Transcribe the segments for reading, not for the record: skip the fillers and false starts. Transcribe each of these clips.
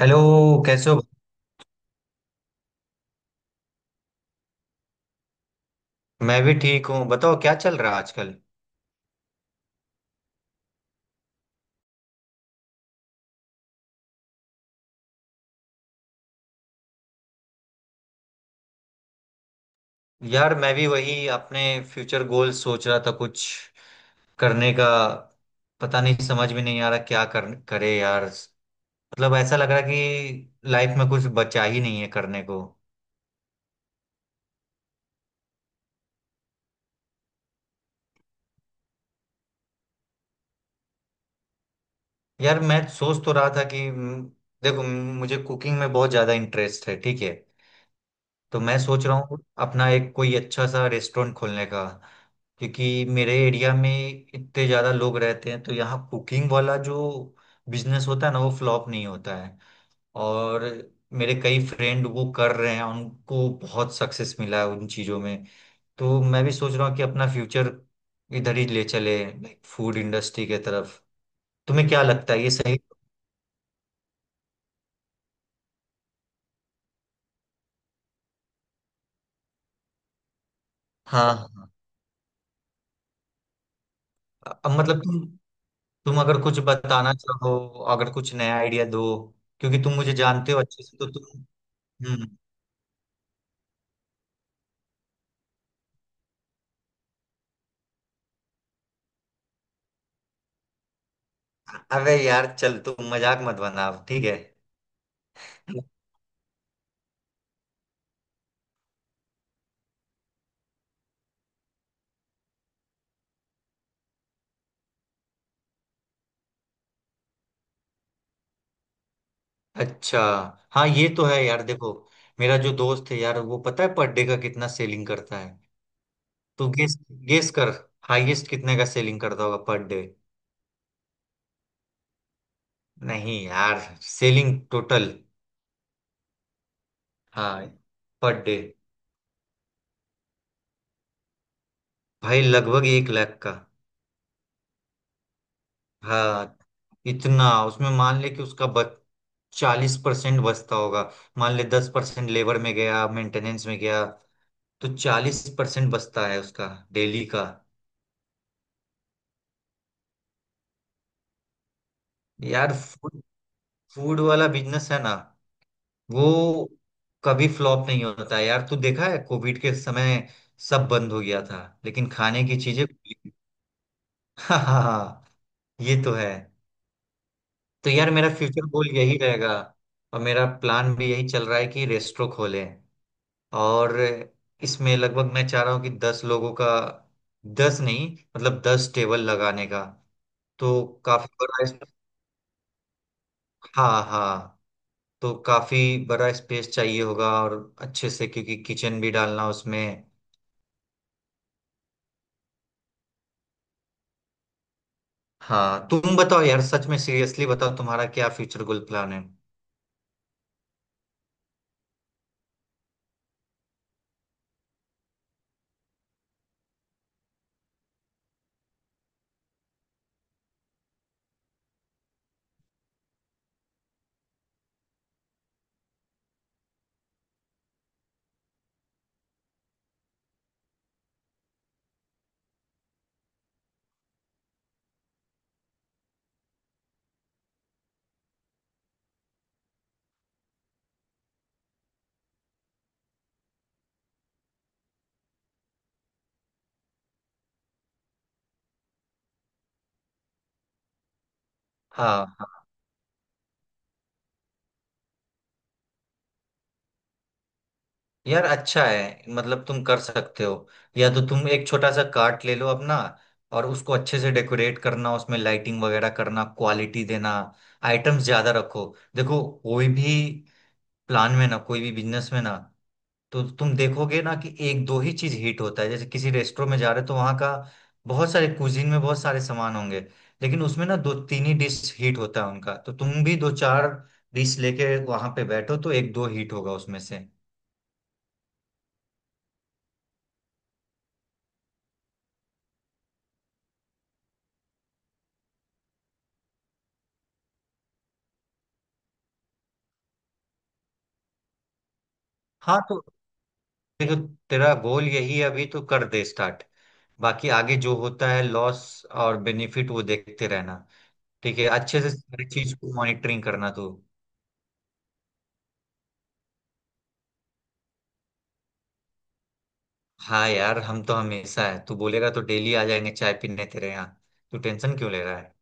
Hello. कैसे हो? मैं भी ठीक हूँ, बताओ क्या चल रहा है आजकल। यार मैं भी वही अपने फ्यूचर गोल सोच रहा था कुछ करने का। पता नहीं समझ में नहीं आ रहा क्या कर, करे यार। मतलब ऐसा लग रहा कि लाइफ में कुछ बचा ही नहीं है करने को। यार मैं सोच तो रहा था कि देखो मुझे कुकिंग में बहुत ज़्यादा इंटरेस्ट है। ठीक है। तो मैं सोच रहा हूँ अपना एक कोई अच्छा सा रेस्टोरेंट खोलने का, क्योंकि मेरे एरिया में इतने ज़्यादा लोग रहते हैं, तो यहाँ कुकिंग वाला जो बिजनेस होता है ना वो फ्लॉप नहीं होता है। और मेरे कई फ्रेंड वो कर रहे हैं, उनको बहुत सक्सेस मिला है उन चीज़ों में। तो मैं भी सोच रहा हूँ कि अपना फ्यूचर इधर ही ले चले, लाइक फूड इंडस्ट्री के तरफ। तुम्हें क्या लगता है, ये सही? हाँ, हाँ। अब मतलब तुम अगर कुछ बताना चाहो, अगर कुछ नया आइडिया दो, क्योंकि तुम मुझे जानते हो अच्छे से तो तुम। हम्म। अबे यार चल तू मजाक मत बना अब, ठीक है। अच्छा। हाँ ये तो है यार। देखो मेरा जो दोस्त है यार, वो पता है पर डे का कितना सेलिंग करता है? तू गेस, गेस कर। हाईएस्ट कितने का सेलिंग करता होगा पर डे? नहीं यार, सेलिंग टोटल। हाँ, पर डे। भाई लगभग 1 लाख का। हाँ, इतना। उसमें मान ले कि उसका बच, 40% बचता होगा। मान ले 10% लेबर में गया, मेंटेनेंस में गया। तो 40% बचता है उसका, डेली का। यार फूड फूड वाला बिजनेस है ना, वो कभी फ्लॉप नहीं होता है यार। तू देखा है कोविड के समय सब बंद हो गया था, लेकिन खाने की चीजें खुली। हाँ, हाँ, हाँ, ये तो है। तो यार मेरा फ्यूचर गोल यही रहेगा, और मेरा प्लान भी यही चल रहा है कि रेस्टोरेंट खोलें। और इसमें लगभग मैं चाह रहा हूँ कि 10 लोगों का, 10 नहीं, मतलब 10 टेबल लगाने का। तो काफी बड़ा हाँ, हाँ। तो काफी बड़ा स्पेस चाहिए होगा, और अच्छे से, क्योंकि किचन भी डालना उसमें। हाँ, तुम बताओ यार, सच में सीरियसली बताओ, तुम्हारा क्या फ्यूचर गोल प्लान है? हाँ यार अच्छा है, मतलब तुम कर सकते हो। या तो तुम एक छोटा सा कार्ट ले लो अपना, और उसको अच्छे से डेकोरेट करना, उसमें लाइटिंग वगैरह करना, क्वालिटी देना, आइटम्स ज्यादा रखो। देखो, कोई भी प्लान में ना, कोई भी बिजनेस में ना, तो तुम देखोगे ना कि एक दो ही चीज हिट होता है। जैसे किसी रेस्टोरेंट में जा रहे हो, तो वहाँ का बहुत सारे कुजीन में बहुत सारे सामान होंगे, लेकिन उसमें ना दो तीन ही डिश हिट होता है उनका। तो तुम भी दो चार डिश लेके वहां पे बैठो, तो एक दो हिट होगा उसमें से। हाँ, तो देखो, तेरा गोल यही है अभी, तो कर दे स्टार्ट। बाकी आगे जो होता है लॉस और बेनिफिट, वो देखते रहना। ठीक है, अच्छे से सारी चीज को मॉनिटरिंग करना तू। हाँ यार, हम तो हमेशा है, तू बोलेगा तो डेली आ जाएंगे चाय पीने तेरे यहाँ। तू टेंशन क्यों ले रहा है?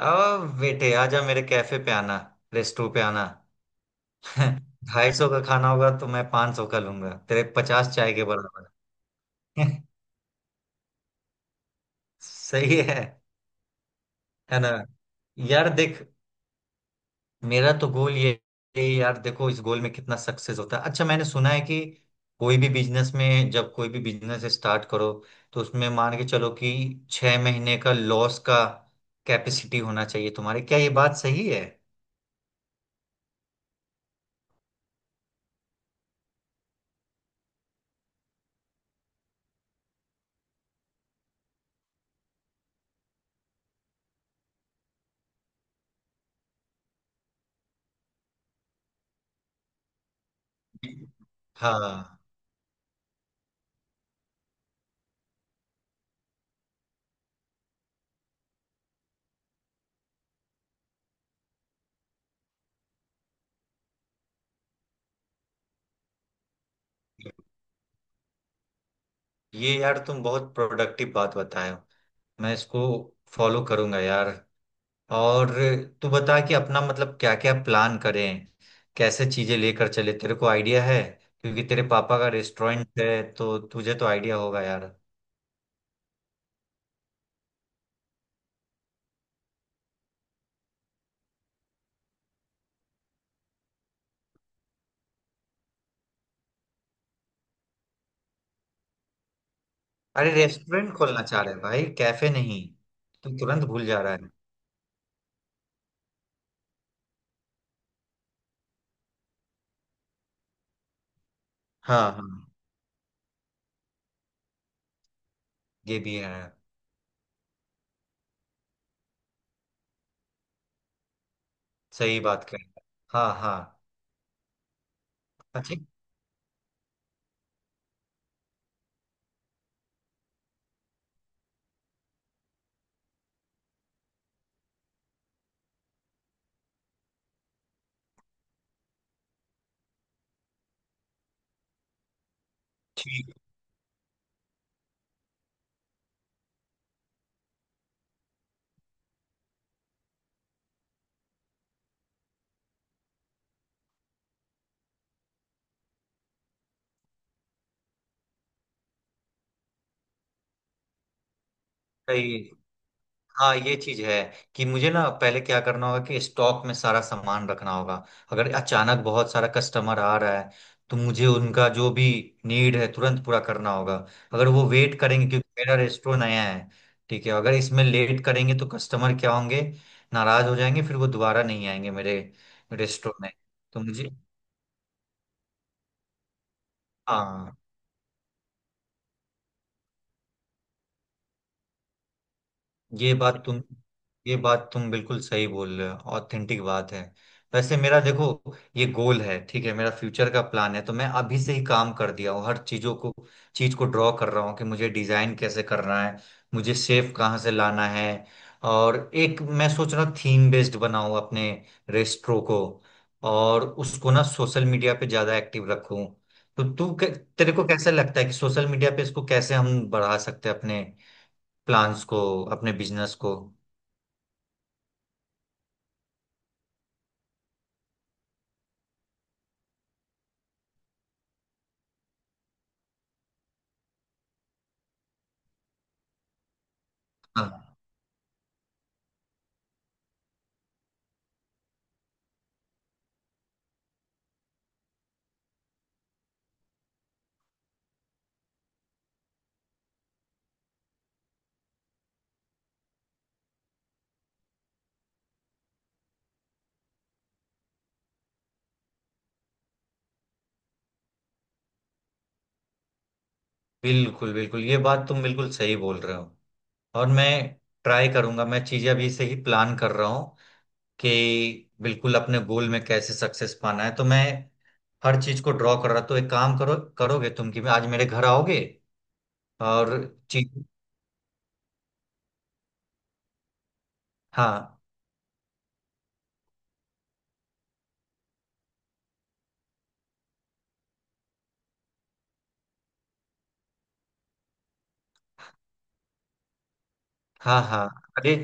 अब बेटे आजा मेरे कैफे पे आना, रेस्टो पे आना। 250 का खाना होगा तो मैं 500 का लूंगा तेरे 50 चाय के बराबर। सही है। है ना? यार देख, मेरा तो गोल ये यार, देखो इस गोल में कितना सक्सेस होता है। अच्छा, मैंने सुना है कि कोई भी बिजनेस में, जब कोई भी बिजनेस स्टार्ट करो, तो उसमें मान के चलो कि 6 महीने का लॉस का कैपेसिटी होना चाहिए तुम्हारे। क्या ये बात सही है? हाँ। ये यार तुम बहुत प्रोडक्टिव बात बताए हो, मैं इसको फॉलो करूंगा यार। और तू बता कि अपना, मतलब क्या क्या प्लान करें, कैसे चीजें लेकर चले, तेरे को आइडिया है, क्योंकि तेरे पापा का रेस्टोरेंट है, तो तुझे तो आइडिया होगा यार। अरे रेस्टोरेंट खोलना चाह रहे हैं भाई, कैफे नहीं, तू तुरंत भूल जा रहा है। हाँ, हाँ। ये भी है। सही बात कह रहा है। हाँ, हाँ। अच्छा। ठीक। सही। हाँ, ये चीज है कि मुझे ना पहले क्या करना होगा कि स्टॉक में सारा सामान रखना होगा। अगर अचानक बहुत सारा कस्टमर आ रहा है, तो मुझे उनका जो भी नीड है तुरंत पूरा करना होगा। अगर वो वेट करेंगे, क्योंकि मेरा रेस्टोरेंट नया है, ठीक है, अगर इसमें लेट करेंगे तो कस्टमर क्या होंगे, नाराज हो जाएंगे, फिर वो दोबारा नहीं आएंगे मेरे रेस्टोरेंट में। तो मुझे। हाँ, ये बात तुम ये बात तुम बिल्कुल सही बोल रहे हो, ऑथेंटिक बात है। वैसे मेरा देखो ये गोल है, ठीक है, मेरा फ्यूचर का प्लान है, तो मैं अभी से ही काम कर दिया हूँ हर चीजों को। चीज को ड्रॉ कर रहा हूँ कि मुझे डिजाइन कैसे करना है, मुझे शेप कहाँ से लाना है। और एक मैं सोच रहा थीम बेस्ड बनाऊँ अपने रेस्ट्रो को, और उसको ना सोशल मीडिया पे ज्यादा एक्टिव रखूँ। तो तेरे को कैसा लगता है कि सोशल मीडिया पे इसको कैसे हम बढ़ा सकते हैं अपने प्लान्स को, अपने बिजनेस को? हाँ बिल्कुल बिल्कुल, ये बात तुम बिल्कुल सही बोल रहे हो, और मैं ट्राई करूंगा। मैं चीजें अभी से ही प्लान कर रहा हूँ कि बिल्कुल अपने गोल में कैसे सक्सेस पाना है। तो मैं हर चीज को ड्रॉ कर रहा। तो एक काम करो, करोगे तुम कि आज मेरे घर आओगे? और चीज। हाँ। हाँ, हाँ। अरे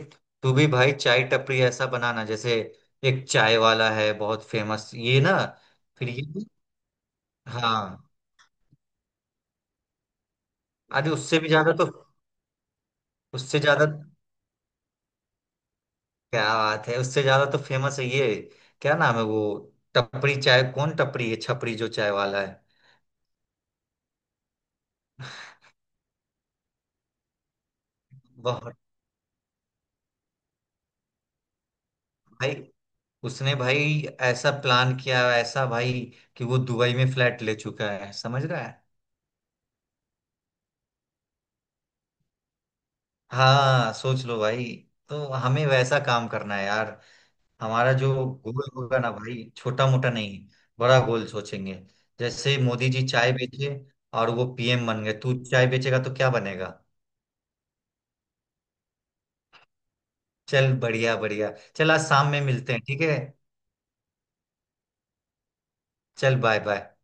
तू भी भाई चाय टपरी ऐसा बनाना जैसे एक चाय वाला है बहुत फेमस, ये ना। फिर ये। हाँ, अरे उससे भी ज्यादा तो। उससे ज्यादा? क्या बात है, उससे ज्यादा तो फेमस है ये। क्या नाम है वो? टपरी चाय, कौन टपरी है, छपरी जो चाय वाला है। बहुत भाई, उसने भाई ऐसा प्लान किया ऐसा भाई, कि वो दुबई में फ्लैट ले चुका है, समझ रहा है? हाँ, सोच लो भाई। तो हमें वैसा काम करना है यार। हमारा जो गोल होगा ना भाई, छोटा मोटा नहीं, बड़ा गोल सोचेंगे। जैसे मोदी जी चाय बेचे और वो पीएम बन गए, तू चाय बेचेगा तो क्या बनेगा? चल बढ़िया बढ़िया। चल आज शाम में मिलते हैं, ठीक है। चल बाय बाय।